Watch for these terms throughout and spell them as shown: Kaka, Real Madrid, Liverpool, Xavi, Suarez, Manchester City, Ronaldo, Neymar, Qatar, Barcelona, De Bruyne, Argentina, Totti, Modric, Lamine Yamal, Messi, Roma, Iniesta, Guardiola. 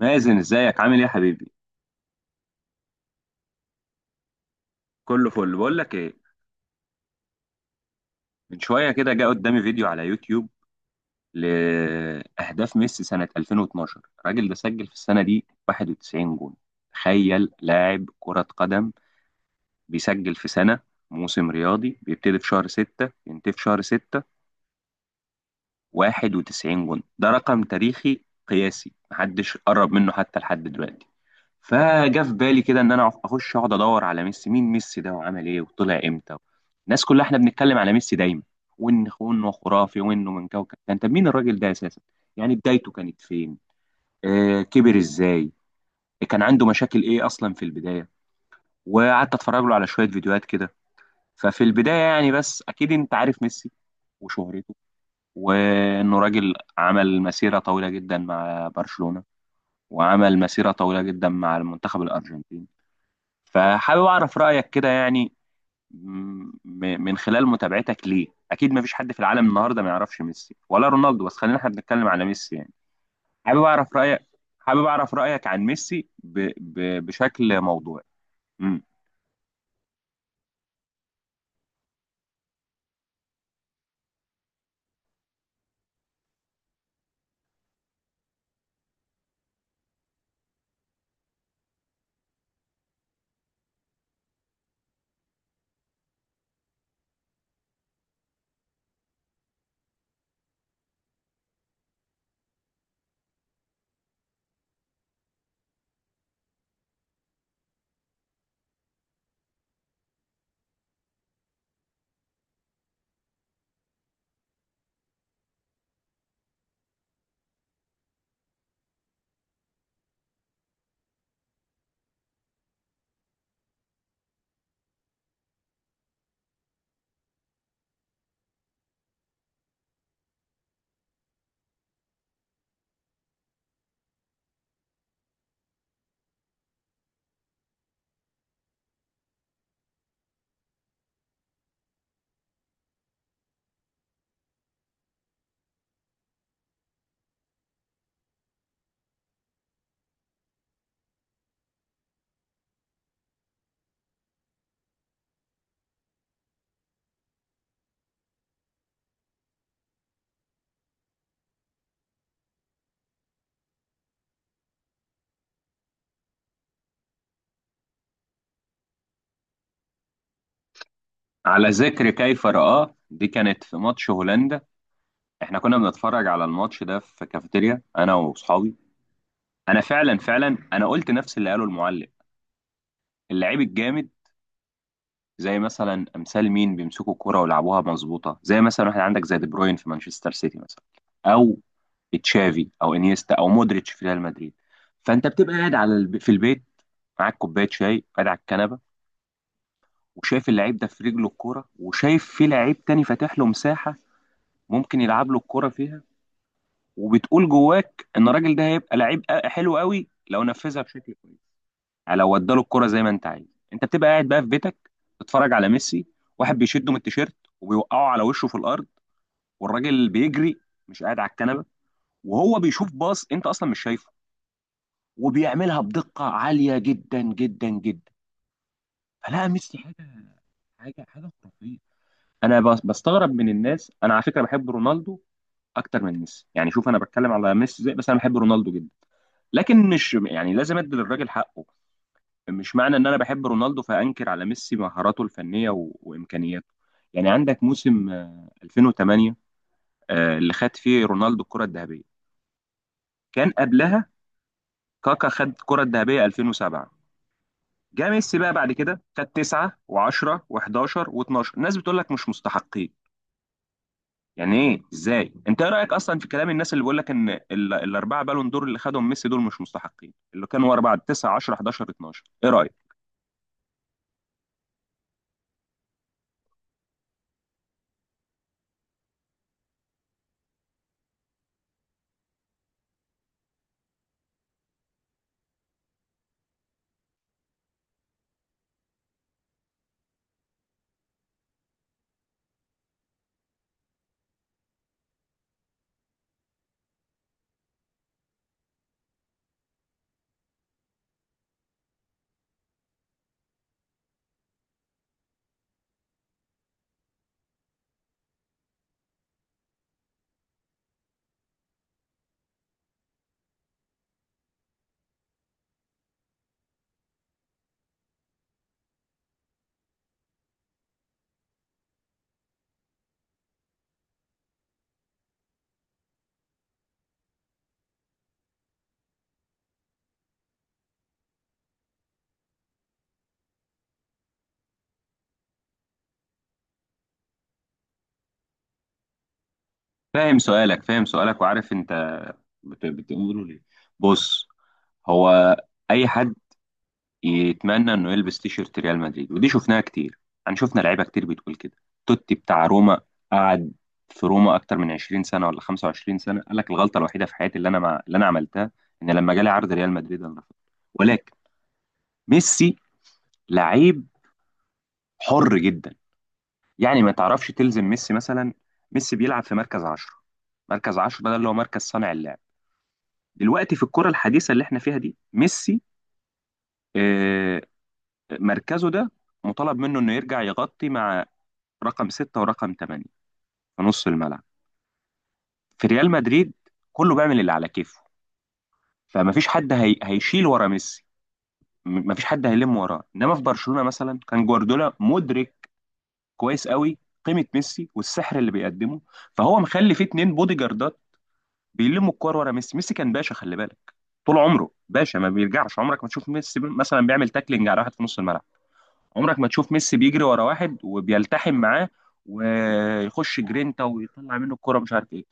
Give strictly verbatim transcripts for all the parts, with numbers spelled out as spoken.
مازن، ازيك؟ عامل ايه يا حبيبي؟ كله فل. بقول لك ايه؟ من شويه كده جه قدامي فيديو على يوتيوب لاهداف ميسي سنه ألفين واتناشر. الراجل ده سجل في السنه دي واحد وتسعين جون. تخيل لاعب كره قدم بيسجل في سنه، موسم رياضي بيبتدي في شهر ستة ينتهي في شهر ستة، واحد وتسعين جون ده رقم تاريخي قياسي محدش قرب منه حتى لحد دلوقتي. فجا في بالي كده ان انا اخش اقعد ادور على ميسي، مين ميسي ده وعمل ايه وطلع امتى. الناس كلها احنا بنتكلم على ميسي دايما، وان وانه خرافي وانه من كوكب كان. طب مين الراجل ده اساسا؟ يعني بدايته كانت فين؟ آه، كبر ازاي؟ كان عنده مشاكل ايه اصلا في البدايه؟ وقعدت اتفرج له على شويه فيديوهات كده. ففي البدايه يعني بس اكيد انت عارف ميسي وشهرته وانه راجل عمل مسيره طويله جدا مع برشلونه، وعمل مسيره طويله جدا مع المنتخب الارجنتيني. فحابب أعرف رأيك كده يعني. م- من خلال متابعتك ليه، أكيد ما فيش حد في العالم النهاردة ما يعرفش ميسي ولا رونالدو، بس خلينا احنا بنتكلم على ميسي يعني. حابب أعرف رأيك. حابب أعرف رأيك عن ميسي ب... ب... بشكل موضوعي. مم. على ذكر كيف رآه، دي كانت في ماتش هولندا. احنا كنا بنتفرج على الماتش ده في كافيتيريا، أنا وأصحابي. أنا فعلا فعلا أنا قلت نفس اللي قاله المعلق. اللعيب الجامد زي مثلا امثال مين بيمسكوا الكرة ويلعبوها مظبوطه، زي مثلا واحد عندك زي دي بروين في مانشستر سيتي مثلا، او تشافي او انيستا او مودريتش في ريال مدريد. فانت بتبقى قاعد على الب... في البيت، معاك كوبايه شاي، قاعد على الكنبه، وشايف اللعيب ده في رجله الكوره، وشايف في لعيب تاني فاتح له مساحه ممكن يلعب له الكوره فيها. وبتقول جواك ان الراجل ده هيبقى لعيب أ- حلو قوي لو نفذها بشكل كويس، يعني لو اداله الكرة زي ما انت عايز. انت بتبقى قاعد بقى في بيتك، تتفرج على ميسي، واحد بيشده من التيشيرت وبيوقعه على وشه في الارض، والراجل بيجري، مش قاعد على الكنبه، وهو بيشوف باص انت اصلا مش شايفه، وبيعملها بدقة عالية جدا جدا جدا. فلا، ميسي حاجة، حاجة حاجة خرافية. انا بس- بستغرب من الناس. انا على فكرة بحب رونالدو اكتر من ميسي يعني، شوف، انا بتكلم على ميسي زي، بس انا بحب رونالدو جدا، لكن مش يعني لازم ادي للراجل حقه. مش معنى ان انا بحب رونالدو فانكر على ميسي مهاراته الفنيه و... وامكانياته. يعني عندك موسم آه، ألفين وتمانية، آه، اللي خد فيه رونالدو الكره الذهبيه. كان قبلها كاكا خد الكره الذهبيه ألفين وسبعة. جه ميسي بقى بعد كده خد تسعة و10 و11 و12. الناس بتقول لك مش مستحقين. يعني ايه؟ ازاي؟ انت ايه رايك اصلا في كلام الناس اللي بيقول لك ان ال- الاربعه بالون دور اللي خدهم ميسي دول مش مستحقين، اللي كانوا ورا بعض تسعة عشرة حداشر اتناشر؟ ايه رايك؟ فاهم سؤالك، فاهم سؤالك، وعارف انت بت- بتقولوا ليه. بص، هو اي حد يتمنى انه يلبس تيشيرت ريال مدريد، ودي شفناها كتير، يعني شفنا لعيبه كتير بتقول كده. توتي بتاع روما قعد في روما اكتر من عشرين سنه ولا خمسة وعشرين سنه، قال لك الغلطه الوحيده في حياتي اللي انا مع... اللي انا عملتها ان لما جالي عرض ريال مدريد انا رفضت. ولكن ميسي لعيب حر جدا، يعني ما تعرفش تلزم ميسي مثلا. ميسي بيلعب في مركز عشرة. مركز عشرة ده اللي هو مركز صانع اللعب. دلوقتي في الكره الحديثه اللي احنا فيها دي، ميسي آه، مركزه ده مطالب منه انه يرجع يغطي مع رقم ستة ورقم ثمانية في نص الملعب. في ريال مدريد كله بيعمل اللي على كيفه، فمفيش حد هي... هيشيل ورا ميسي، م- مفيش حد هيلم وراه. انما في برشلونة مثلا، كان جوارديولا مدرك كويس قوي قيمة ميسي والسحر اللي بيقدمه. فهو مخلي فيه اتنين بودي جاردات بيلموا الكور ورا ميسي. ميسي كان باشا، خلي بالك، طول عمره باشا ما بيرجعش. عمرك ما تشوف ميسي مثلا بيعمل تاكلينج على واحد في نص الملعب. عمرك ما تشوف ميسي بيجري ورا واحد وبيلتحم معاه ويخش جرينتا ويطلع منه الكرة مش عارف ايه.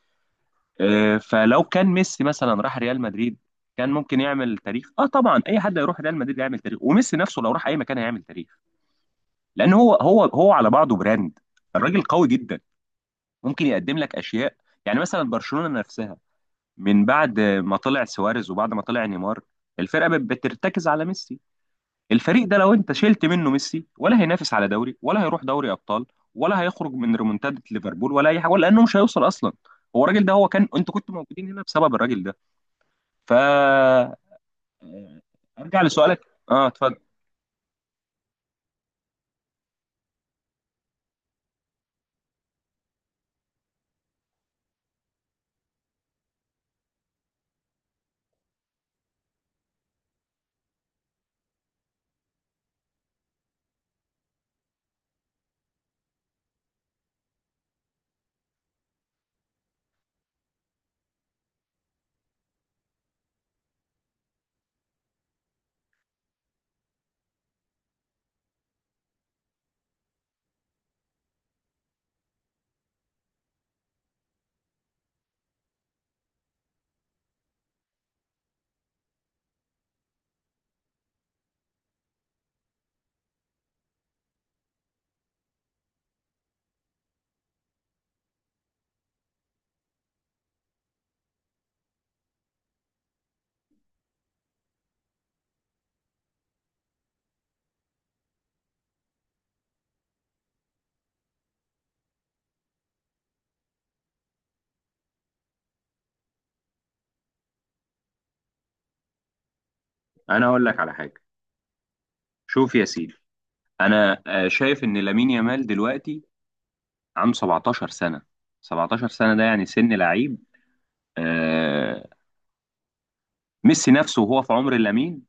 آه، فلو كان ميسي مثلا راح ريال مدريد، كان ممكن يعمل تاريخ. اه طبعا، اي حد يروح ريال مدريد يعمل تاريخ، وميسي نفسه لو راح اي مكان هيعمل تاريخ، لان هو هو هو على بعضه براند. الراجل قوي جدا، ممكن يقدم لك اشياء. يعني مثلا برشلونة نفسها من بعد ما طلع سواريز وبعد ما طلع نيمار، الفرقة بت- بترتكز على ميسي. الفريق ده لو انت شلت منه ميسي، ولا هينافس على دوري، ولا هيروح دوري ابطال، ولا هيخرج من ريمونتادة ليفربول، ولا اي حاجه، ولا انه مش هيوصل اصلا. هو الراجل ده، هو كان، انتوا كنتوا موجودين هنا بسبب الراجل ده. ف آه، ارجع لسؤالك. اه، اتفضل. انا هقول لك على حاجه. شوف يا سيدي، انا آه، شايف ان لامين يامال دلوقتي عنده سبعتاشر سنه. سبعتاشر سنه ده يعني سن لعيب. آه، ميسي نفسه وهو في عمر لامين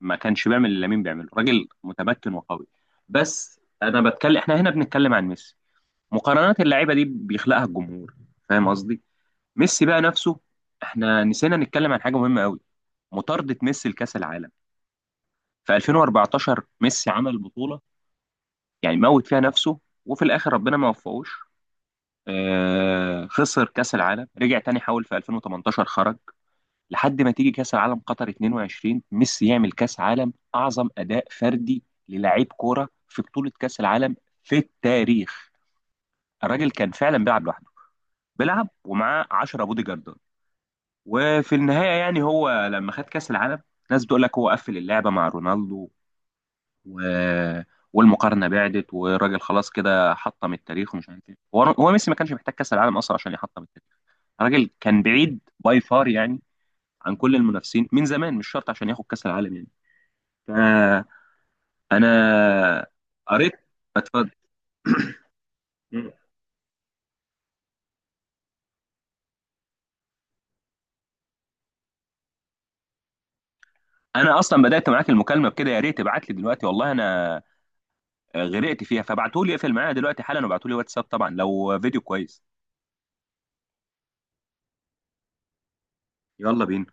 ما كانش بيعمل اللي لامين بيعمله. راجل متمكن وقوي، بس انا بتكلم، احنا هنا بنتكلم عن ميسي. مقارنات اللعيبه دي بيخلقها الجمهور، فاهم قصدي؟ ميسي بقى نفسه، احنا نسينا نتكلم عن حاجه مهمه قوي، مطارده ميسي لكاس العالم. في ألفين واربعتاشر ميسي عمل بطوله يعني موت فيها نفسه، وفي الاخر ربنا ما وفقوش. آه، خسر كاس العالم، رجع تاني حاول في ألفين وتمنتاشر خرج. لحد ما تيجي كاس العالم قطر اتنين وعشرين، ميسي يعمل كاس عالم اعظم اداء فردي للاعيب كوره في بطوله كاس العالم في التاريخ. الراجل كان فعلا بيلعب لوحده، بيلعب ومعاه عشرة بودي جاردات. وفي النهايه يعني هو لما خد كاس العالم، ناس بتقول لك هو قفل اللعبه مع رونالدو و... والمقارنه بعدت والراجل خلاص كده حطم التاريخ ومش عارف ايه. هو هو ميسي ما كانش محتاج كاس العالم اصلا عشان يحطم التاريخ. الراجل كان بعيد باي فار يعني عن كل المنافسين من زمان، مش شرط عشان ياخد كاس العالم يعني. فانا قريت. اتفضل. مم. انا اصلا بدات معاك المكالمه بكده، يا ريت تبعت لي دلوقتي، والله انا غرقت فيها، فابعتهولي، اقفل معايا دلوقتي حالا وابعتهولي واتساب طبعا لو فيديو كويس. يلا بينا.